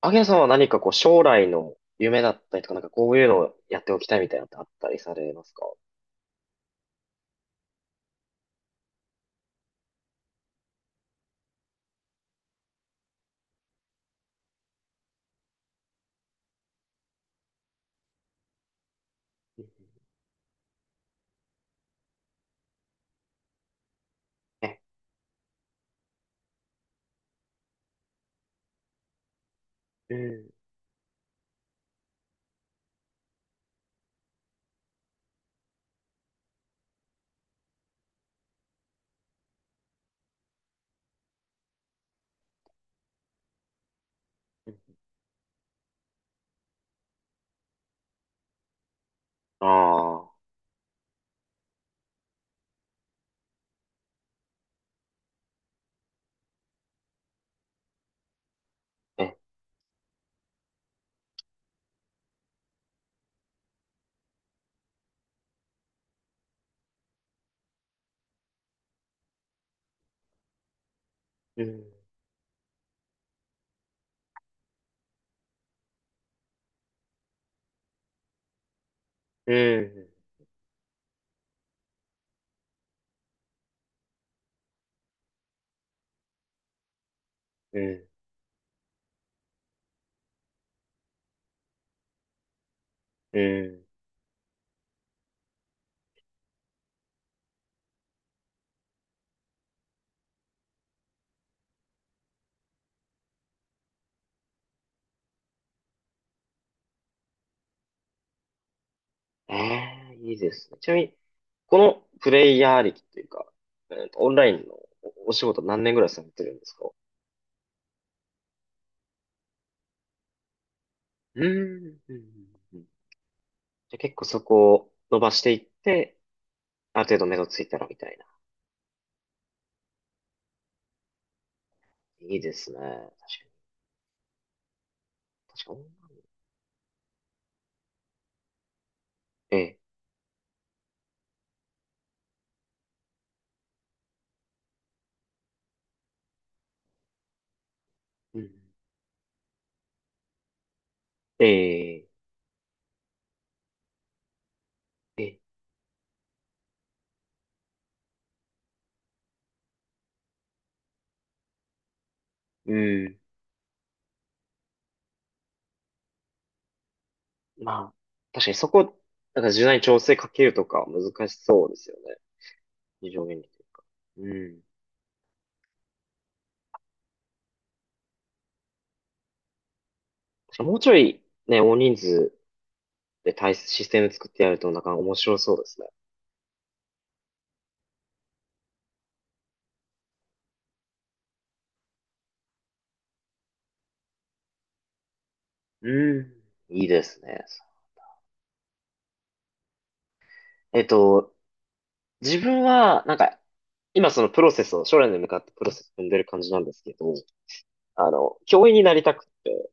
アゲさんは何かこう将来の夢だったりとか、なんかこういうのをやっておきたいみたいなのってあったりされますか？え、うん、ああ、え、うん、うん、うん、うん。ええ、いいですね。ちなみに、このプレイヤー歴というか、オンラインのお仕事何年ぐらいされてるんですか？うん、うん、うんうん。じゃあ結構そこを伸ばしていって、ある程度目処ついたらみたいな。いいですね。確かに、確かに。ええ。うん。ええ。で、うん。まあ、確かにそこ、なんか柔軟に調整かけるとかは難しそうですよね。非常にというか。うん。確かにもうちょい、ね、大人数で対システム作ってやるとなんか面白そうですね。うん。いいですね。えっと、自分は、なんか、今そのプロセスを、将来に向かってプロセスを踏んでる感じなんですけど、あの、教員になりたくて、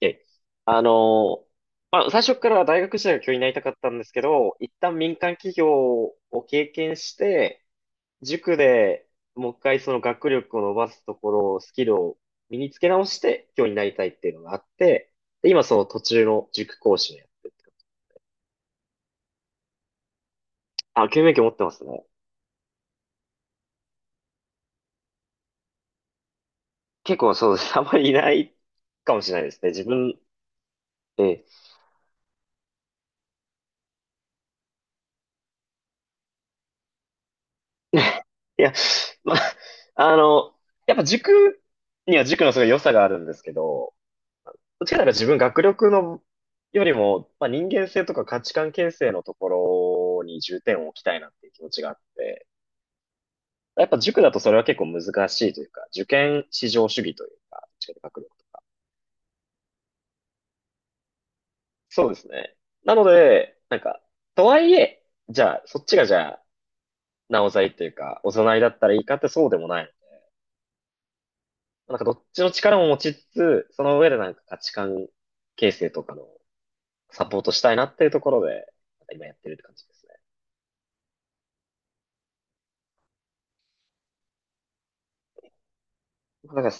え、あの、まあ、最初から大学時代は教員になりたかったんですけど、一旦民間企業を経験して、塾でもう一回その学力を伸ばすところを、スキルを身につけ直して教員になりたいっていうのがあって、で、今その途中の塾講師をやってるって感じ。あ、教員免許持ってますね。結構そうです。あんまりいないかもしれないですね。自分、ええ。いや、まあ、あの、やっぱ塾には塾のすごい良さがあるんですけど、どっちかというとな自分学力のよりも、まあ、人間性とか価値観形成のところに重点を置きたいなっていう気持ちがあって、やっぱ塾だとそれは結構難しいというか、受験至上主義というか、どっちかというと学力と。そうですね。なので、なんか、とはいえ、じゃあ、そっちがじゃあ、なおざいというか、おざなりだったらいいかってそうでもない。なんかどっちの力も持ちつつ、その上でなんか価値観形成とかのサポートしたいなっていうところで、なんか今やってるって感じですね。なんか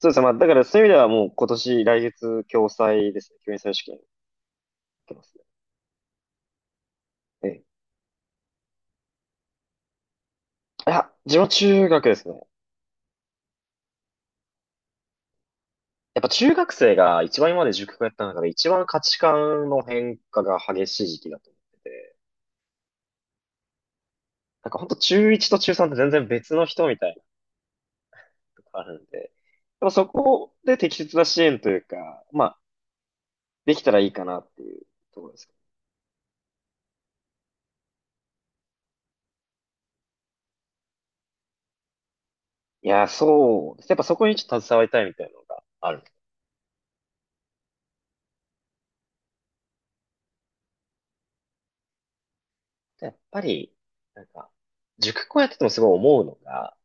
そうですね。まあ、だからそういう意味ではもう今年、来月、共済ですね。教員採用試験受けますね。ええ。いや、自分は中学ですね。やっぱ中学生が一番今まで塾をやった中で一番価値観の変化が激しい時期だと思ってて、なんか本当中1と中3って全然別の人みたいなとこあるんで、やっぱそこで適切な支援というか、まあ、できたらいいかなっていうところです。いや、そうです。やっぱそこにちょっと携わりたいみたいなのがある。でやっぱり、なんか、塾校やっててもすごい思うのが、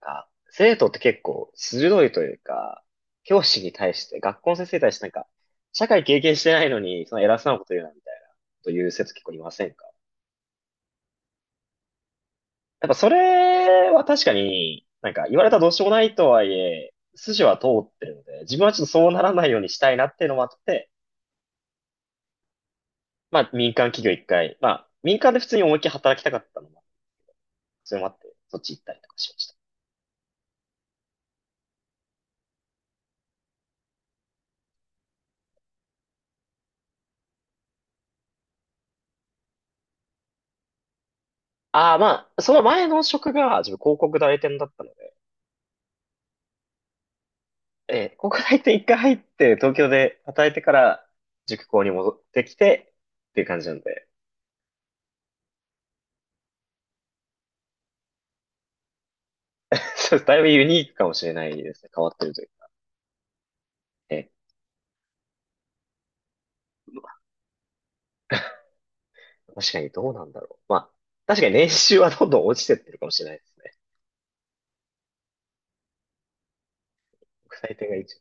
生徒って結構鋭いというか、教師に対して、学校の先生に対してなんか、社会経験してないのに、その偉そうなこと言うな、みたいな、という生徒結構いませんか？やっぱそれは確かに、なんか言われたらどうしようもないとはいえ、筋は通ってるので、自分はちょっとそうならないようにしたいなっていうのもあって、まあ民間企業一回、まあ民間で普通に思いっきり働きたかったのも、それもあって、そっち行ったりとかしました。ああ、まあ、その前の職が自分広告代理店だったので、高校入って一回入って、東京で働いてから塾校に戻ってきて、っていう感じなんで。そうだいぶユニークかもしれないですね。変わってるというか。えまあ確かにどうなんだろう。まあ、確かに年収はどんどん落ちてってるかもしれないですね。国際点が一応。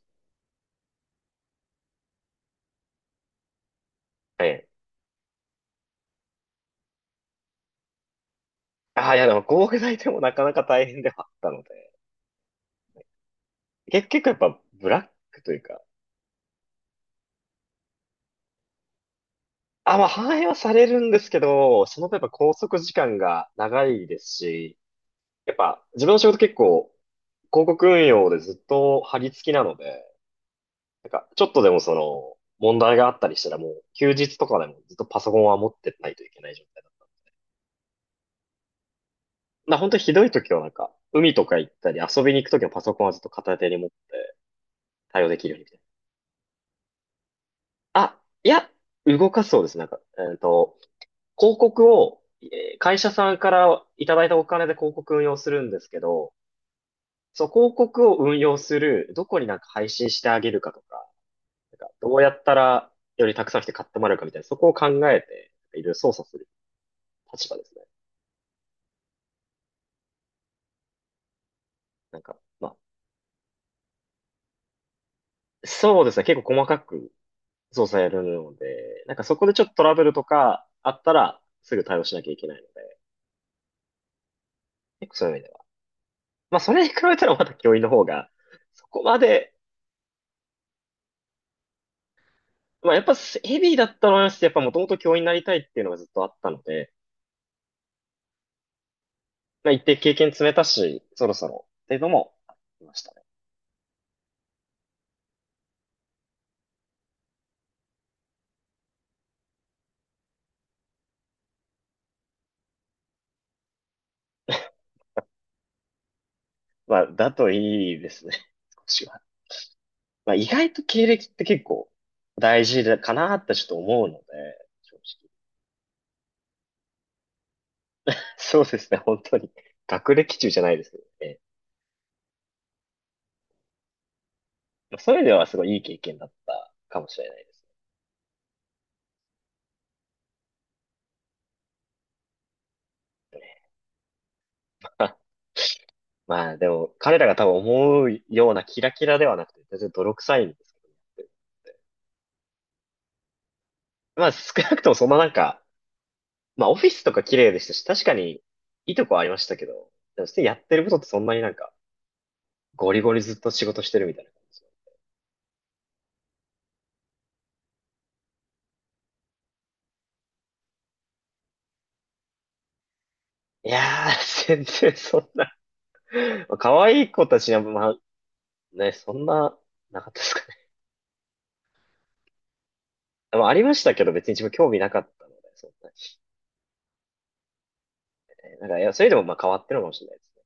えああ、いやでも国際点もなかなか大変ではあったので。結構やっぱブラックというか、あ、まあ反映はされるんですけど、その分やっぱ拘束時間が長いですし、やっぱ自分の仕事結構広告運用でずっと張り付きなので、なんか、ちょっとでもその、問題があったりしたらもう、休日とかでもずっとパソコンは持ってないといけない状態だ。まあ本当にひどい時はなんか、海とか行ったり遊びに行く時のパソコンはずっと片手に持って対応できるようにみたいな。あ、いや、動かすそうです。なんか、広告を、会社さんからいただいたお金で広告運用するんですけど、そう、広告を運用する、どこになんか配信してあげるかとか、なんかどうやったらよりたくさん来て買ってもらえるかみたいな、そこを考えて、いろいろ操作する立場ですね。なんか、まあ、そうですね。結構細かく操作やるので、なんかそこでちょっとトラブルとかあったら、すぐ対応しなきゃいけないので、結構そういう意味では。まあ、それに比べたらまだ教員の方が、そこまで、まあ、やっぱヘビーだったのはありますし、やっぱもともと教員になりたいっていうのがずっとあったので、まあ、一定経験積めたし、そろそろ、っていうのもありましたね。まあ、だといいですね。少しは。まあ、意外と経歴って結構大事だかなってちょっと思うので、正直。そうですね、本当に。学歴中じゃないですけどね。まあそういう意味ではすごいいい経験だったかもしれないですね。まあでも、彼らが多分思うようなキラキラではなくて、全然泥臭いんですけど。まあ少なくともそんななんか、まあオフィスとか綺麗でしたし、確かにいいとこはありましたけど、でも普通にやってることってそんなになんか、ゴリゴリずっと仕事してるみたいな感じ。いやー、全然まあ可愛い子たちには、まあ、ね、そんな、なかったですかね。まあ、ありましたけど、別に自分興味なかったので、そうなんですねなんか、いや、それでもまあ変わってるのかもしれないです。